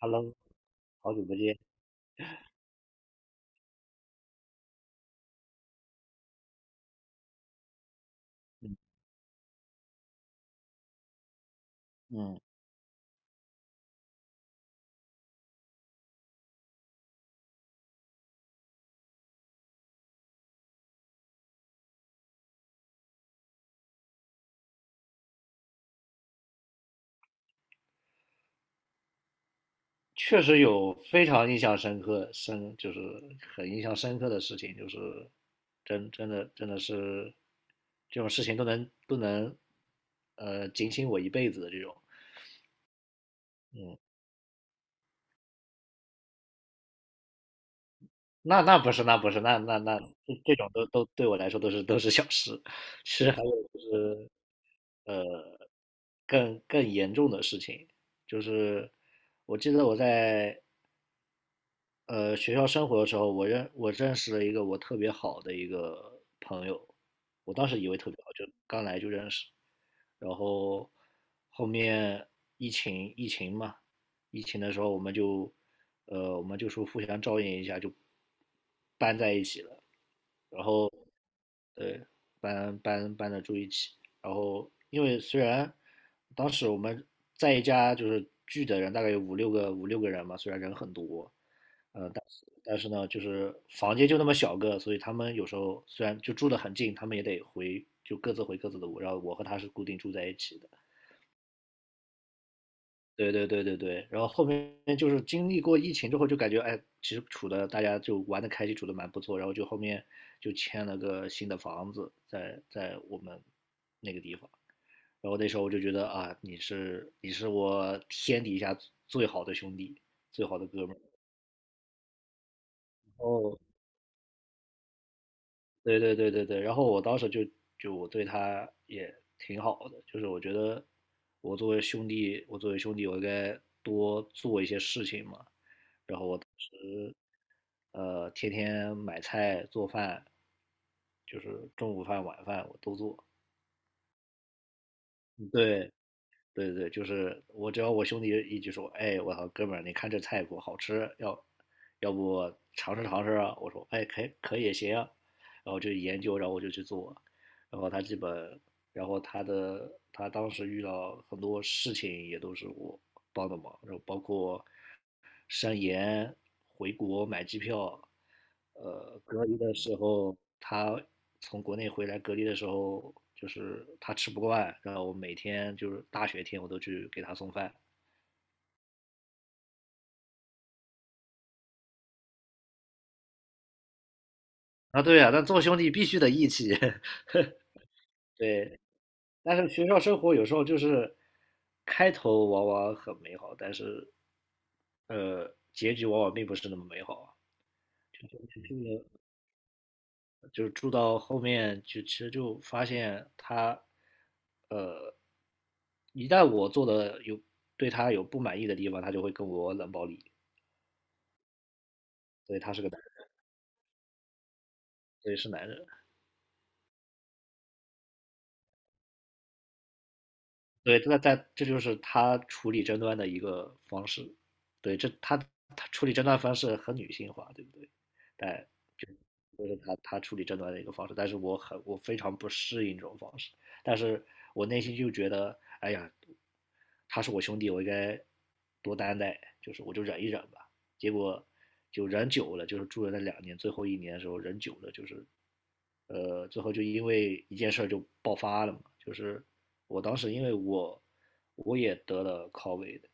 Hello，好久不见。嗯嗯，确实有非常印象深刻，深就是很印象深刻的事情，就是真的是这种事情都能警醒我一辈子的这种。嗯，那那不是那不是那那那这种都对我来说都是小事，其实还有更严重的事情，就是我记得我在学校生活的时候，我认识了一个我特别好的一个朋友，我当时以为特别好，就刚来就认识，然后后面疫情嘛，疫情的时候我们就说互相照应一下，就搬在一起了，然后对，搬的住一起。然后，因为虽然当时我们在一家就是聚的人大概有五六个人嘛，虽然人很多，但是呢，就是房间就那么小个，所以他们有时候虽然就住得很近，他们也得回就各自回各自的屋。然后我和他是固定住在一起的。对对对对对，然后后面就是经历过疫情之后，就感觉哎，其实处的大家就玩的开心，处的蛮不错，然后就后面就签了个新的房子在我们那个地方，然后那时候我就觉得啊，你是我天底下最好的兄弟，最好的哥们儿。哦，对对对对对，然后我当时就我对他也挺好的，就是我觉得我作为兄弟，我应该多做一些事情嘛。然后我当时天天买菜做饭，就是中午饭晚饭我都做。对对对，就是我只要我兄弟一句说，哎，我操，哥们儿，你看这菜谱好吃，要不尝试尝试啊？我说，哎，可以也行啊。然后就研究，然后我就去做，然后他基本，然后他当时遇到很多事情也都是我帮的忙，然后包括上延回国买机票，隔离的时候他从国内回来隔离的时候，就是他吃不惯，然后我每天就是大雪天我都去给他送饭啊。对啊，但做兄弟必须得义气，对。但是学校生活有时候就是开头往往很美好，但是结局往往并不是那么美好。就是住到后面就其实就发现他，呃，一旦我做的对他有不满意的地方，他就会跟我冷暴力。所以他是个男人，所以是男人。对，那在这就是他处理争端的一个方式。对，这他处理争端方式很女性化，对不对？但就就是他处理争端的一个方式，但是我非常不适应这种方式，但是我内心就觉得，哎呀，他是我兄弟，我应该多担待，就是我就忍一忍吧。结果就人久了，就是住了那两年，最后一年的时候人久了，就是最后就因为一件事就爆发了嘛，就是我当时因为我也得了 COVID,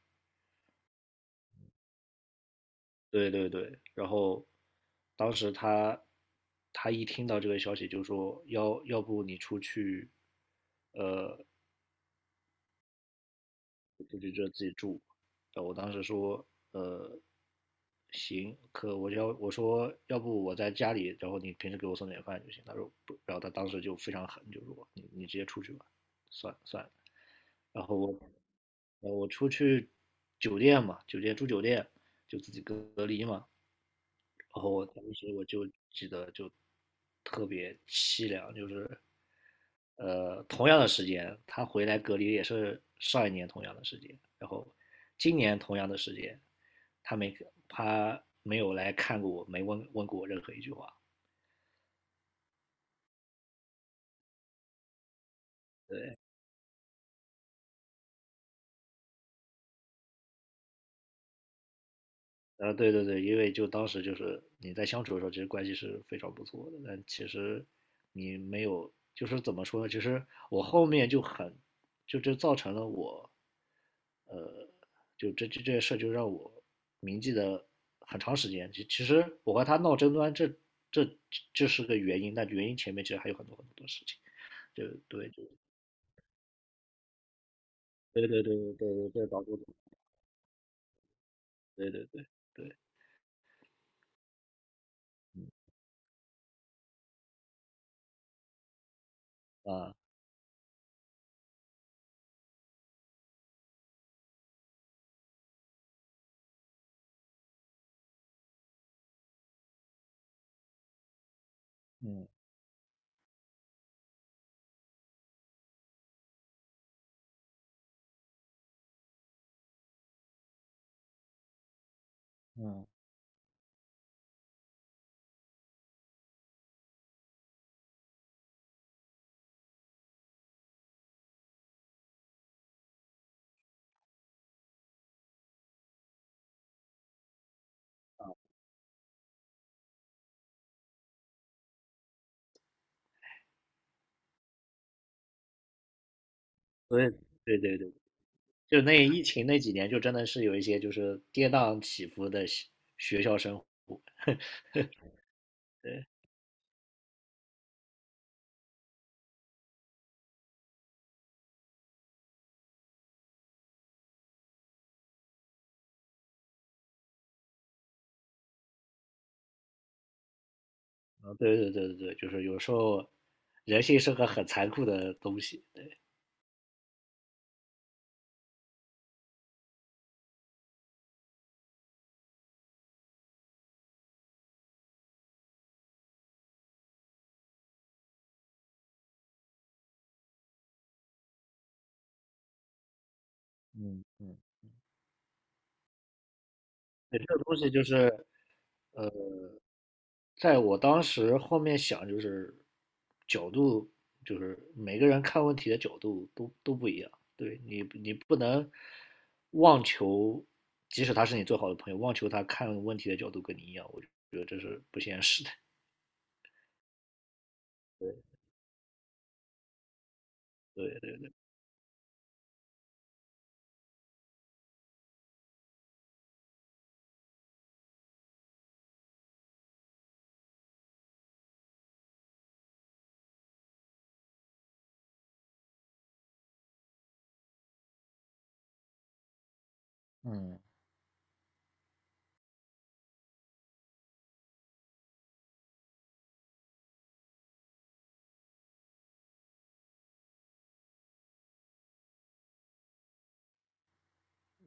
对对对，然后当时他一听到这个消息就说要不你出去我当时说，呃，行，可我说，要不我在家里，然后你平时给我送点饭就行。他说不，然后他当时就非常狠，就说你直接出去吧，算了。然后我出去酒店嘛，住酒店，就自己隔离嘛。然后我当时就记得就特别凄凉，就是，同样的时间，他回来隔离也是上一年同样的时间，然后今年同样的时间，他没他没有来看过我，没问过我任何一句话。啊，对对对，因为就当时就是你在相处的时候，其实关系是非常不错的，但其实你没有，就是怎么说呢？其实我后面就很，就这造成了我，呃，就这件事就让我铭记的很长时间。其实我和他闹争端，这这是个原因，但原因前面其实还有很多很多事情。就对，就对对对对对，这导致我对对对对，嗯啊嗯，所以对对对。就那疫情那几年，就真的是有一些就是跌宕起伏的学校生活。对，啊，对对对对对，就是有时候人性是个很残酷的东西。对，嗯嗯对这个东西就是在我当时后面想，就是角度，就是每个人看问题的角度都不一样。对你，你不能妄求，即使他是你最好的朋友，妄求他看问题的角度跟你一样，我觉得这是不现实的。对对。嗯，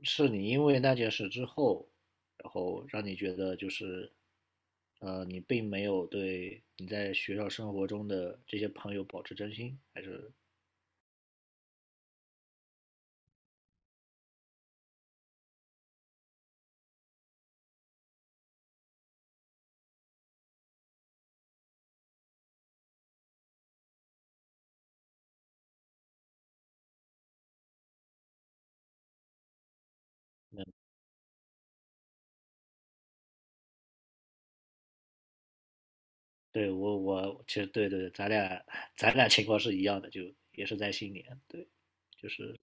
是你因为那件事之后，然后让你觉得就是，你并没有对你在学校生活中的这些朋友保持真心，还是对我其实对对，咱俩情况是一样的，就也是在新年，对，就是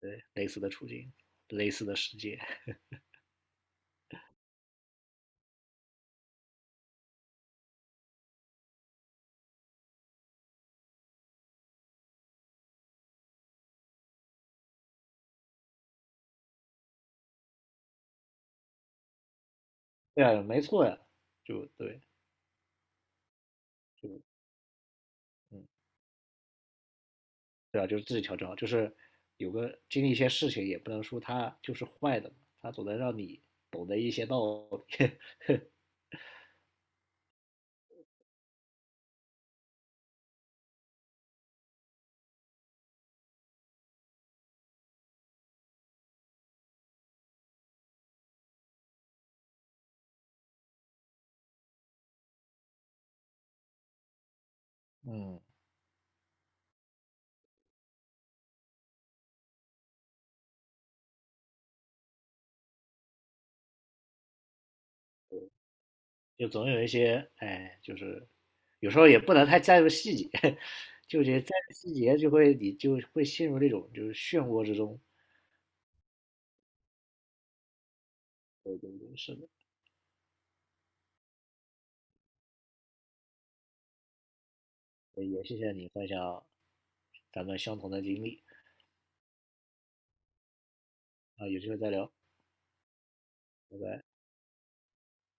对类似的处境，类似的世界，对啊，没错呀、啊就对，就嗯。对吧？就是自己调整好，就是有个经历一些事情，也不能说他就是坏的，他总能让你懂得一些道理，嗯，就总有一些，哎，就是有时候也不能太在乎细节，就觉得在乎细节你就会陷入那种就是漩涡之中。对对对，是的，也谢谢你分享咱们相同的经历啊，有机会再聊，拜拜。